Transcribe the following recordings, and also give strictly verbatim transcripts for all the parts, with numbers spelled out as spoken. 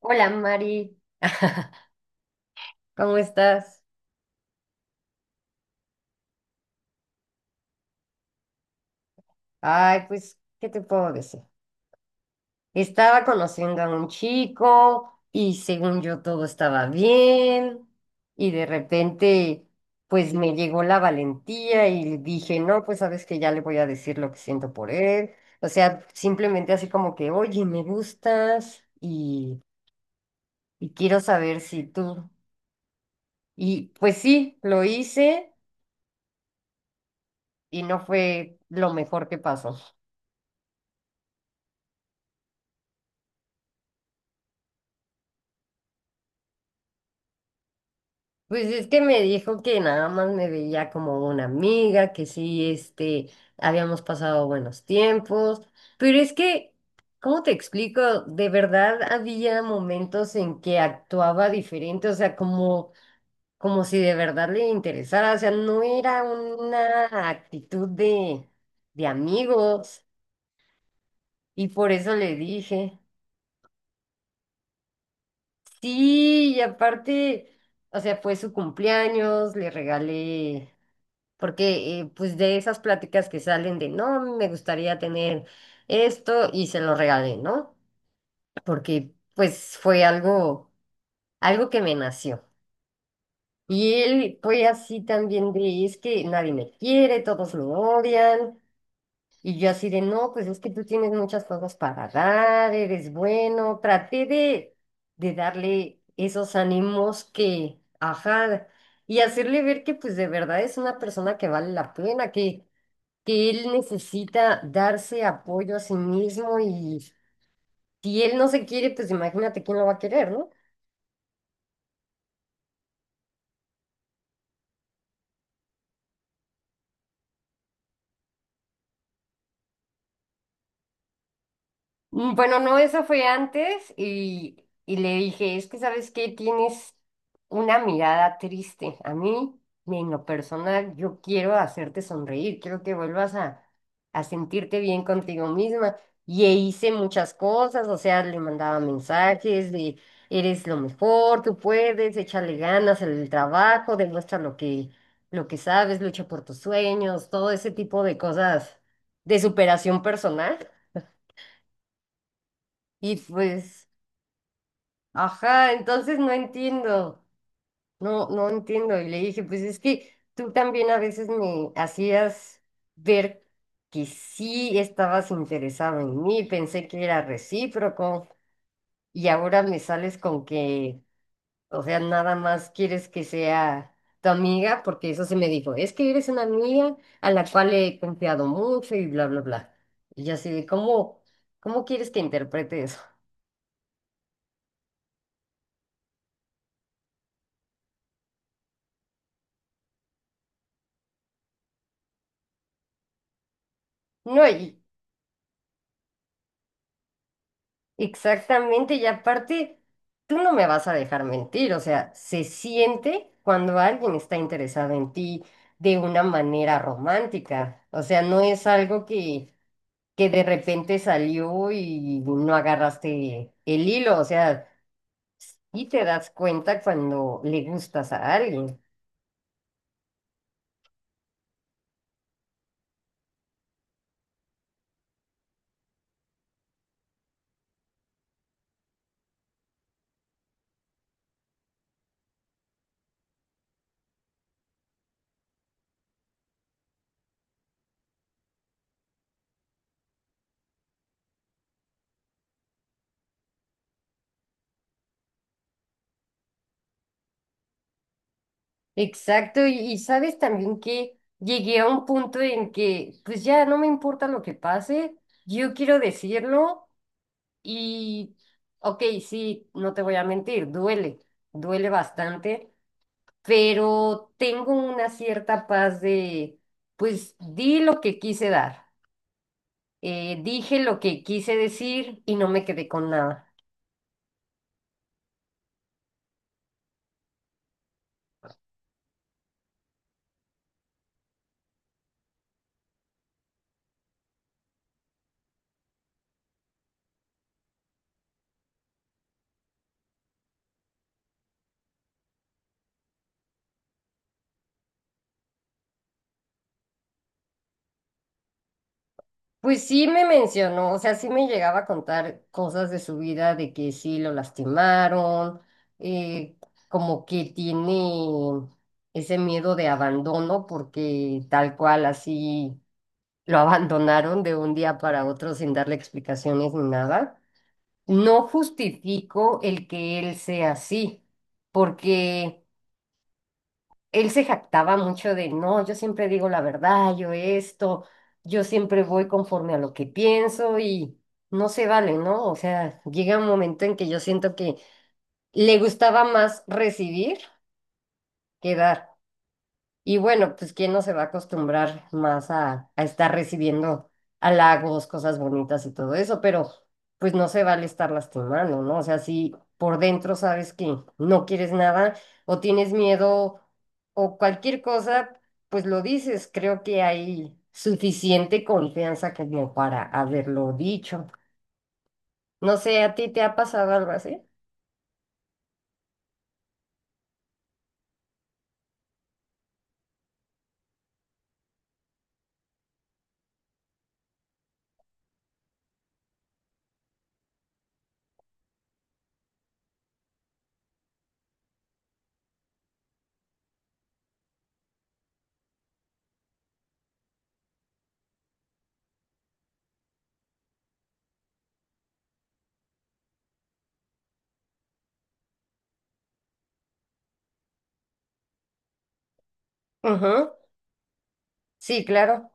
Hola Mari, ¿cómo estás? Ay, pues, ¿qué te puedo decir? Estaba conociendo a un chico y según yo todo estaba bien y de repente pues me llegó la valentía y dije, no, pues sabes que ya le voy a decir lo que siento por él. O sea, simplemente así como que, oye, me gustas y, y quiero saber si tú. Y pues sí, lo hice y no fue lo mejor que pasó. Pues es que me dijo que nada más me veía como una amiga, que sí, este, habíamos pasado buenos tiempos, pero es que, ¿cómo te explico? De verdad había momentos en que actuaba diferente, o sea, como, como si de verdad le interesara, o sea, no era una actitud de, de amigos, y por eso le dije, sí, y aparte, o sea, fue su cumpleaños, le regalé. Porque eh, pues de esas pláticas que salen de, no, me gustaría tener esto y se lo regalé, ¿no? Porque pues fue algo, algo que me nació. Y él fue así también de, es que nadie me quiere, todos me odian. Y yo así de, no, pues es que tú tienes muchas cosas para dar, eres bueno. Traté de, de darle esos ánimos que, ajá, y hacerle ver que pues de verdad es una persona que vale la pena, que que él necesita darse apoyo a sí mismo y si él no se quiere, pues imagínate quién lo va a querer, ¿no? Mm, bueno, no, eso fue antes y, y le dije, es que sabes qué, tienes una mirada triste. A mí, en lo personal, yo quiero hacerte sonreír, quiero que vuelvas a, a sentirte bien contigo misma. Y e hice muchas cosas, o sea, le mandaba mensajes de, eres lo mejor, tú puedes, échale ganas en el trabajo, demuestra lo que, lo que, sabes, lucha por tus sueños, todo ese tipo de cosas de superación personal. Y pues. Ajá, entonces no entiendo, no, no entiendo. Y le dije, pues es que tú también a veces me hacías ver que sí estabas interesado en mí, pensé que era recíproco y ahora me sales con que, o sea, nada más quieres que sea tu amiga, porque eso se me dijo, es que eres una amiga a la cual he confiado mucho y bla, bla, bla. Y yo así de, ¿cómo, cómo quieres que interprete eso? No, y Exactamente, y aparte, tú no me vas a dejar mentir, o sea, se siente cuando alguien está interesado en ti de una manera romántica, o sea, no es algo que, que de repente salió y no agarraste el hilo, o sea, y te das cuenta cuando le gustas a alguien. Exacto, y, y sabes también que llegué a un punto en que, pues ya no me importa lo que pase, yo quiero decirlo. Y, ok, sí, no te voy a mentir, duele, duele bastante, pero tengo una cierta paz de, pues di lo que quise dar, eh, dije lo que quise decir y no me quedé con nada. Pues sí me mencionó, o sea, sí me llegaba a contar cosas de su vida, de que sí lo lastimaron, eh, como que tiene ese miedo de abandono, porque tal cual así lo abandonaron de un día para otro sin darle explicaciones ni nada. No justifico el que él sea así, porque él se jactaba mucho de, no, yo siempre digo la verdad, yo esto, yo siempre voy conforme a lo que pienso y no se vale, ¿no? O sea, llega un momento en que yo siento que le gustaba más recibir que dar. Y bueno, pues quién no se va a acostumbrar más a, a estar recibiendo halagos, cosas bonitas y todo eso, pero pues no se vale estar lastimando, ¿no? O sea, si por dentro sabes que no quieres nada o tienes miedo o cualquier cosa, pues lo dices. Creo que hay suficiente confianza como para haberlo dicho. No sé, ¿a ti te ha pasado algo así? Ujú. Sí, claro.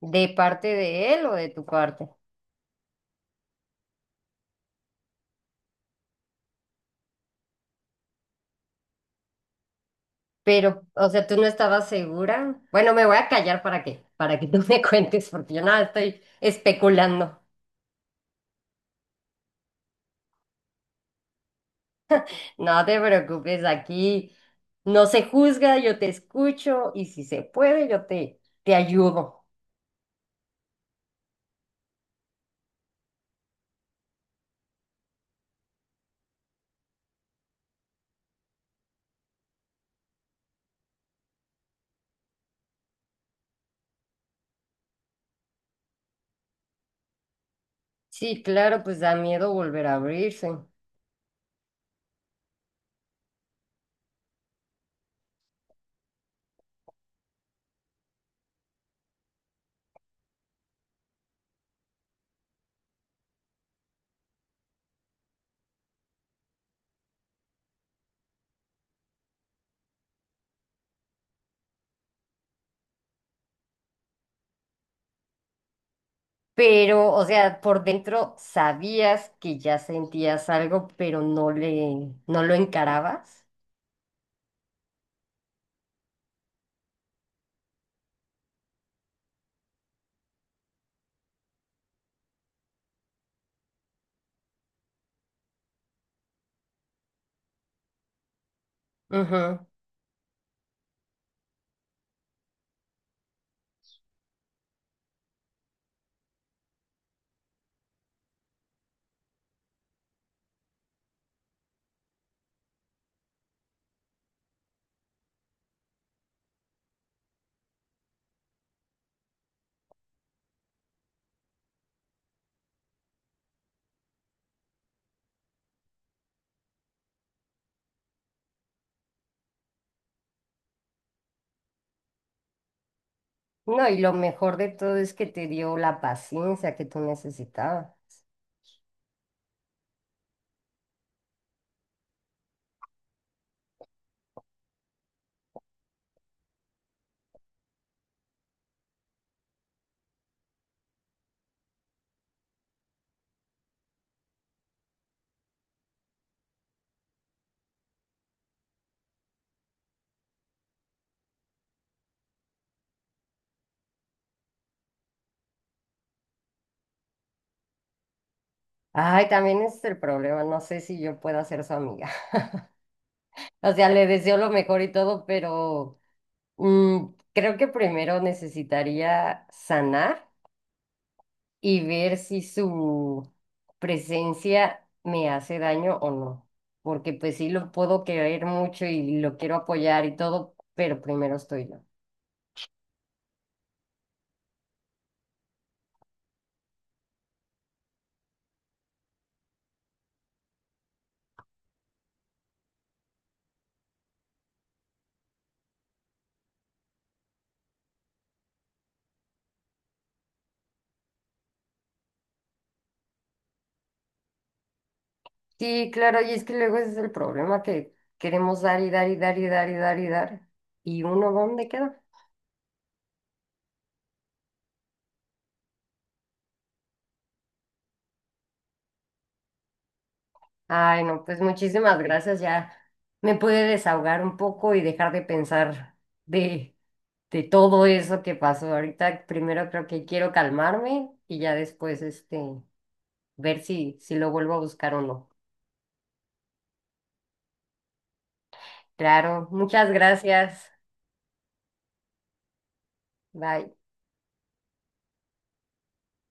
¿De parte de él o de tu parte? Pero, o sea, tú no estabas segura. Bueno, me voy a callar, ¿para qué? Para que tú me cuentes, porque yo nada estoy especulando. No te preocupes, aquí no se juzga, yo te escucho y si se puede, yo te, te ayudo. Sí, claro, pues da miedo volver a abrirse. Pero, o sea, por dentro sabías que ya sentías algo, pero no le, no lo encarabas. Ujú. No, y lo mejor de todo es que te dio la paciencia que tú necesitabas. Ay, también ese es el problema, no sé si yo pueda ser su amiga. O sea, le deseo lo mejor y todo, pero mm, creo que primero necesitaría sanar y ver si su presencia me hace daño o no. Porque pues sí lo puedo querer mucho y lo quiero apoyar y todo, pero primero estoy yo. Sí, claro, y es que luego ese es el problema que queremos dar y dar y dar y dar y dar y dar. ¿Y uno dónde queda? Ay, no, pues muchísimas gracias. Ya me pude desahogar un poco y dejar de pensar de, de todo eso que pasó. Ahorita primero creo que quiero calmarme y ya después este ver si, si lo vuelvo a buscar o no. Claro, muchas gracias. Bye.